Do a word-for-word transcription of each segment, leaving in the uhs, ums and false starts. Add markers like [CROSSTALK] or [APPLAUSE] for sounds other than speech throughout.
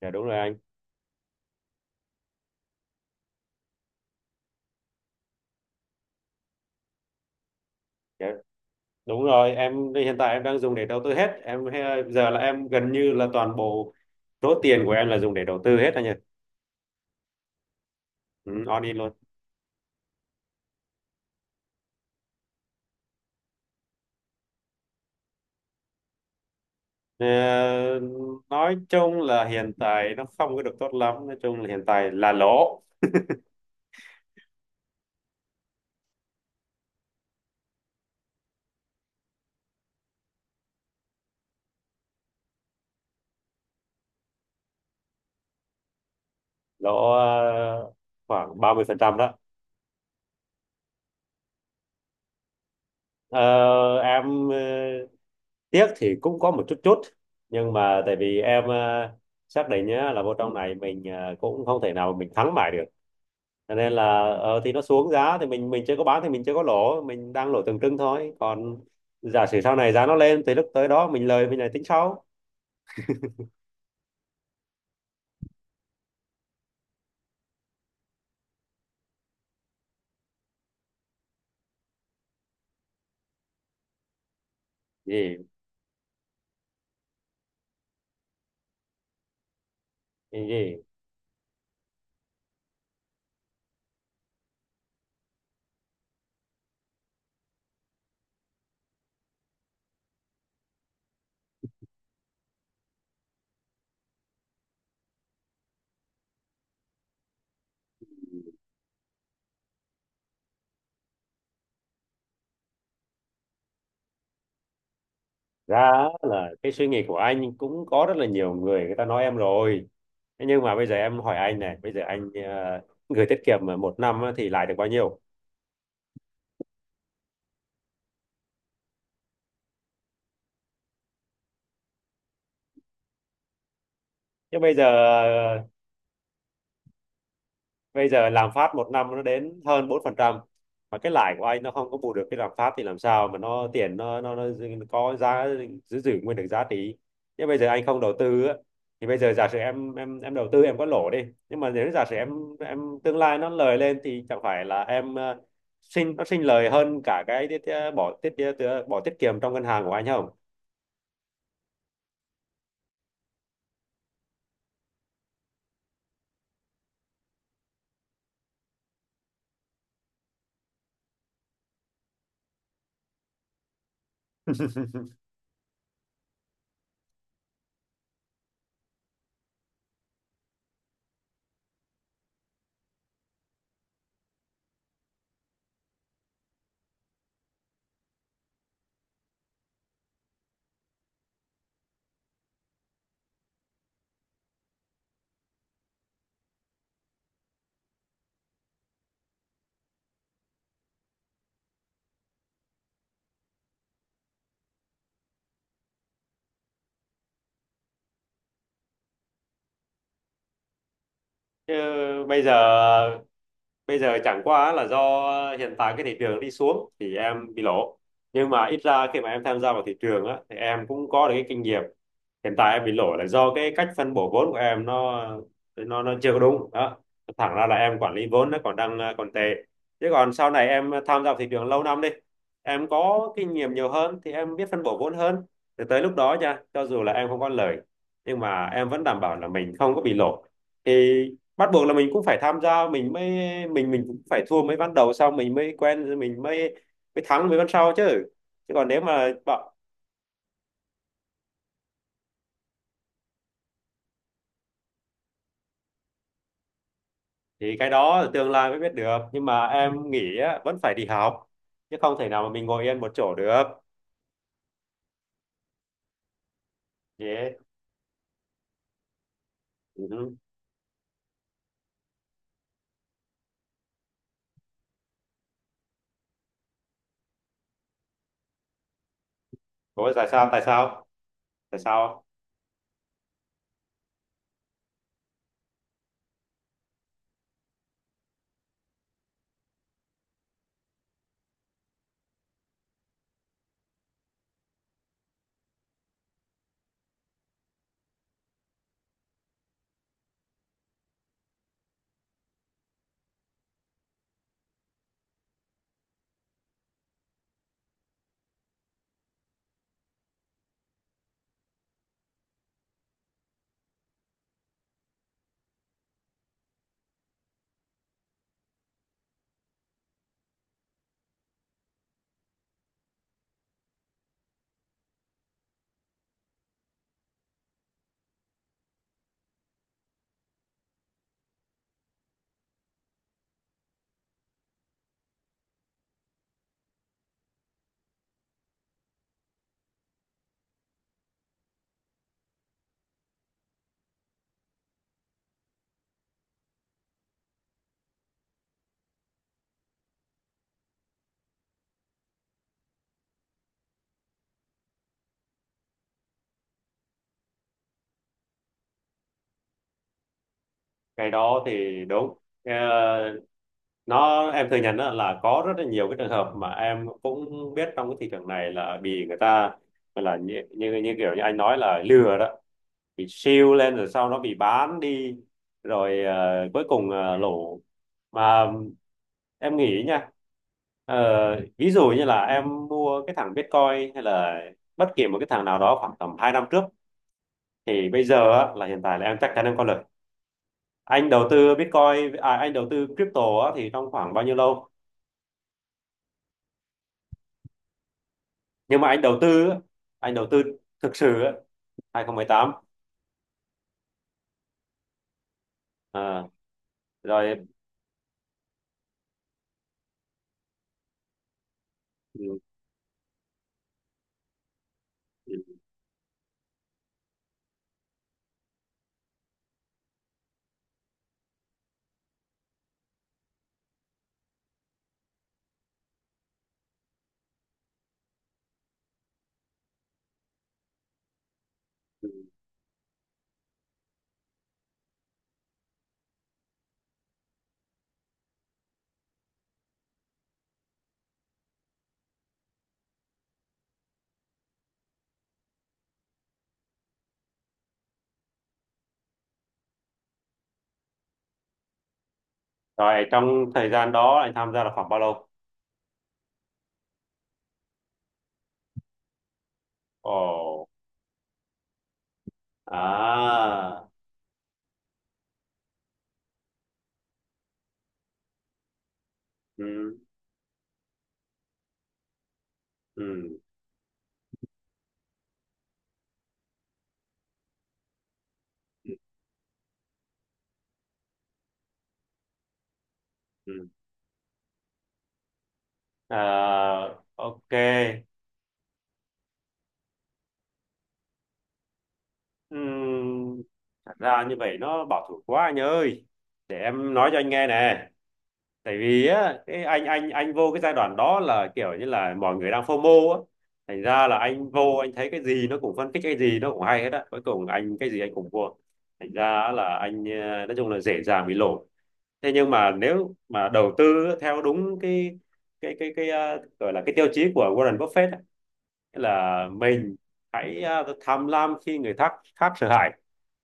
Dạ đúng rồi anh. Dạ, đúng rồi, em hiện tại em đang dùng để đầu tư hết. Em he- giờ là em gần như là toàn bộ số tiền của em là dùng để đầu tư hết anh nhỉ. Ừ, all in luôn. Ờ, nói chung là hiện tại nó không có được tốt lắm, nói chung là hiện tại là lỗ, lỗ ờ, khoảng ba mươi phần trăm đó. Ờ, em ờ, tiếc thì cũng có một chút chút, nhưng mà tại vì em ờ, xác định nhá là vô trong này mình ờ, cũng không thể nào mà mình thắng mãi được. Cho nên là ờ, thì nó xuống giá thì mình mình chưa có bán thì mình chưa có lỗ, mình đang lỗ tượng trưng thôi, còn giả sử sau này giá nó lên thì lúc tới đó mình lời mình lại tính sau. Gì, cái gì? Ra á là cái suy nghĩ của anh cũng có rất là nhiều người người ta nói em rồi. Thế nhưng mà bây giờ em hỏi anh này, bây giờ anh ờ, gửi tiết kiệm mà một năm á thì lãi được bao nhiêu? Chứ bây giờ bây giờ lạm phát một năm nó đến hơn bốn phần trăm, mà cái lãi của anh nó không có bù được cái lạm phát thì làm sao mà nó tiền nó nó, nó có giá, giữ giữ nguyên được giá trị. Nhưng bây giờ anh không đầu tư á, thì bây giờ giả sử em em em đầu tư em có lỗ đi, nhưng mà nếu giả sử em em tương lai nó lời lên thì chẳng phải là em ờ, sinh, nó sinh lời hơn cả cái tiết, bỏ tiết bỏ tiết kiệm trong ngân hàng của anh không? [LAUGHS] Chứ bây giờ bây giờ chẳng qua là do hiện tại cái thị trường đi xuống thì em bị lỗ, nhưng mà ít ra khi mà em tham gia vào thị trường á thì em cũng có được cái kinh nghiệm. Hiện tại em bị lỗ là do cái cách phân bổ vốn của em nó, nó nó chưa có đúng đó, thẳng ra là em quản lý vốn nó còn đang à, còn tệ. Chứ còn sau này em tham gia vào thị trường lâu năm đi, em có kinh nghiệm nhiều hơn thì em biết phân bổ vốn hơn, thì tới lúc đó nha, cho dù là em không có lời nhưng mà em vẫn đảm bảo là mình không có bị lỗ. Thì bắt buộc là mình cũng phải tham gia, mình mới mình mình cũng phải thua mấy ván đầu, sau mình mới quen rồi mình mới mới thắng mấy ván sau chứ chứ còn nếu mà bảo- thì cái đó tương lai mới biết được, nhưng mà em nghĩ á, vẫn phải đi học chứ không thể nào mà mình ngồi yên một chỗ được. Yeah. Uh. Ủa, tại sao, tại sao, tại sao? Cái đó thì đúng. Ờ, nó em thừa nhận đó là có rất là nhiều cái trường hợp mà em cũng biết, trong cái thị trường này là bị người ta gọi là như, như như kiểu như anh nói là lừa đó, bị siêu lên rồi sau nó bị bán đi, rồi ờ, cuối cùng ờ, lỗ. Mà em nghĩ nha, ờ, ví dụ như là em mua cái thằng Bitcoin hay là bất kỳ một cái thằng nào đó khoảng tầm hai năm trước, thì bây giờ á, là hiện tại là em chắc chắn em có lời. Anh đầu tư Bitcoin, à, anh đầu tư crypto á, thì trong khoảng bao nhiêu lâu? Nhưng mà anh đầu tư á, anh đầu tư thực sự á, hai không một tám. Ờ, rồi. Ừ, rồi, trong thời gian đó anh tham gia là khoảng bao lâu? Ồ. À. Ừ. Ừ. Ừ. Ừ. À, ok. Ừm, thật ra như vậy nó bảo thủ quá anh ơi, để em nói cho anh nghe nè. Tại vì á cái anh anh anh vô cái giai đoạn đó là kiểu như là mọi người đang FOMO á, thành ra là anh vô anh thấy cái gì nó cũng phân tích, cái gì nó cũng hay hết á, cuối cùng anh cái gì anh cũng mua, thành ra là anh ờ, nói chung là dễ dàng bị lỗ. Thế nhưng mà nếu mà đầu tư theo đúng cái cái cái cái ờ, gọi là cái tiêu chí của Warren Buffett á, là mình hãy ờ, tham lam khi người khác khác sợ hãi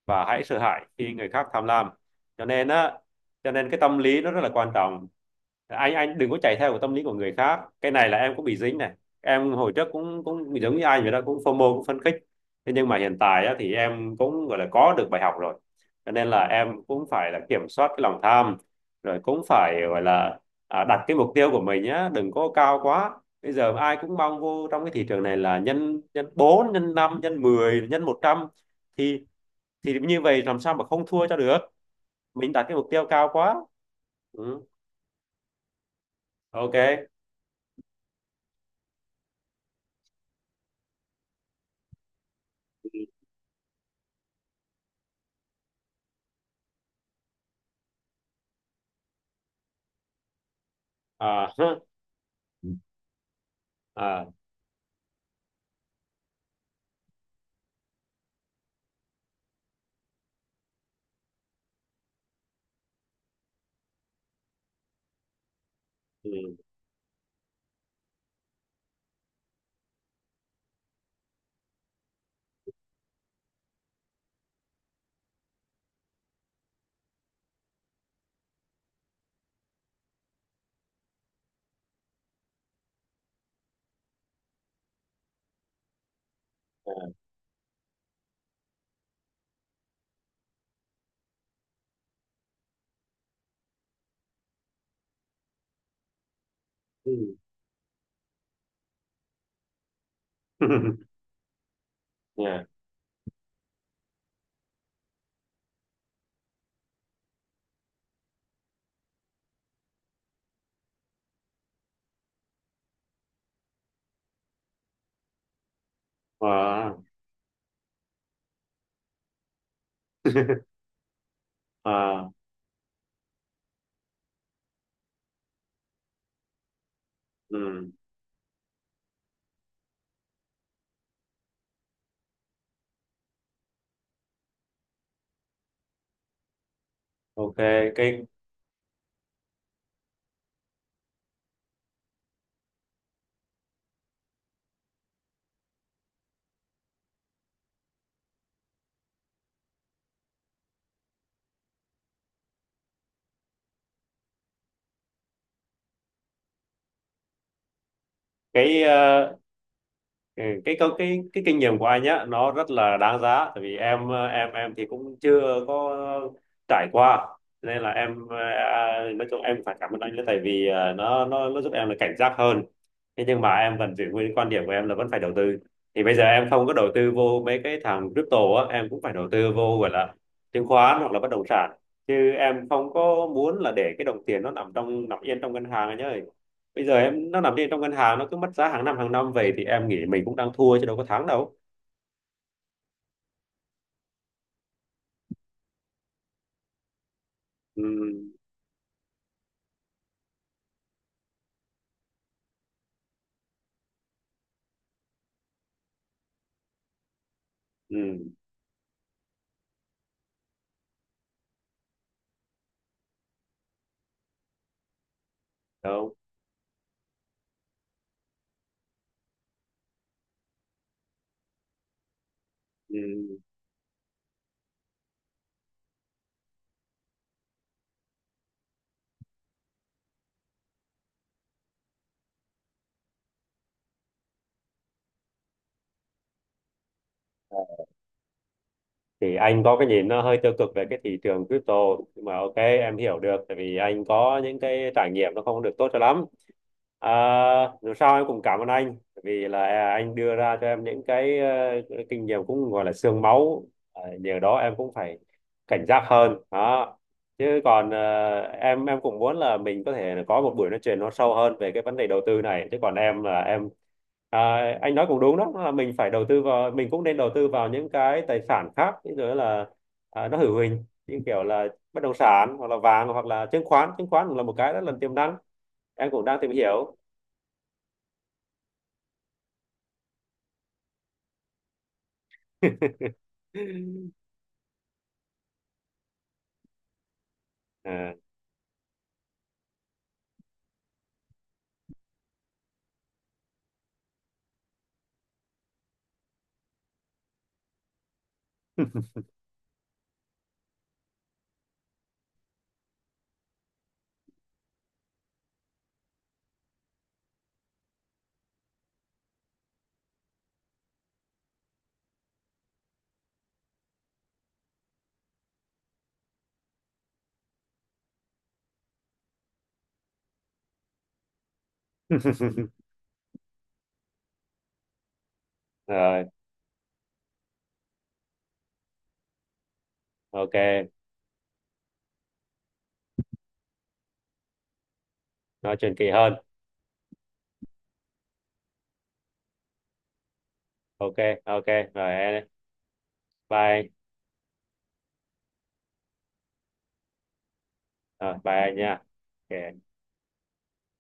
và hãy sợ hãi khi người khác tham lam. Cho nên á, cho nên cái tâm lý nó rất là quan trọng. Anh anh đừng có chạy theo cái tâm lý của người khác, cái này là em cũng bị dính này. Em hồi trước cũng cũng giống như anh vậy đó, cũng phô FOMO, cũng phấn khích. Thế nhưng mà hiện tại á, thì em cũng gọi là có được bài học rồi, cho nên là em cũng phải là kiểm soát cái lòng tham, rồi cũng phải gọi là à, đặt cái mục tiêu của mình nhá đừng có cao quá. Bây giờ ai cũng mong vô trong cái thị trường này là nhân nhân bốn, nhân năm, nhân mười, nhân một trăm, thì thì như vậy làm sao mà không thua cho được, mình đặt cái mục tiêu cao quá. Ừ. Ok. À. [LAUGHS] À. Ừ. Ừ. [LAUGHS] Yeah. À. À. Ừ. Ok. Cái cái ờ, ừ, cái câu, cái cái kinh nghiệm của anh nhá nó rất là đáng giá, tại vì em ờ, em em thì cũng chưa có trải qua. Nên là em ờ, à, nói chung em phải cảm ơn anh nữa, tại vì ờ, nó nó nó giúp em là cảnh giác hơn. Thế nhưng mà em vẫn giữ nguyên cái quan điểm của em là vẫn phải đầu tư. Thì bây giờ em không có đầu tư vô mấy cái thằng crypto á em cũng phải đầu tư vô gọi là chứng khoán hoặc là bất động sản, chứ em không có muốn là để cái đồng tiền nó nằm trong nằm yên trong ngân hàng anh ơi. Bây giờ em nó nằm yên trong ngân hàng nó cứ mất giá hàng năm, hàng năm về, thì em nghĩ mình cũng đang thua chứ đâu có thắng đâu. Ừ. Ừ. Đâu. Ừ. Thì anh có cái nhìn nó hơi tiêu cực về cái thị trường crypto, nhưng mà ok em hiểu được, tại vì anh có những cái trải nghiệm nó không được tốt cho lắm. À, dù sao em cũng cảm ơn anh. Tại vì là à, anh đưa ra cho em những cái, ờ, cái kinh nghiệm cũng gọi là xương máu. À, nhờ đó em cũng phải cảnh giác hơn đó. Chứ còn ờ, em em cũng muốn là mình có thể có một buổi nói chuyện nó sâu hơn về cái vấn đề đầu tư này. Chứ còn em là em. À, anh nói cũng đúng đó, là mình phải đầu tư vào, mình cũng nên đầu tư vào những cái tài sản khác, ví dụ là à, nó hữu hình như kiểu là bất động sản hoặc là vàng hoặc là chứng khoán chứng khoán cũng là một cái rất là tiềm năng, em cũng đang tìm hiểu. [LAUGHS] À. [LAUGHS] Rồi, ok, nói chuyện kỳ hơn. Ok. Ok. Rồi em- bye. Rồi bye anh nha. Ok.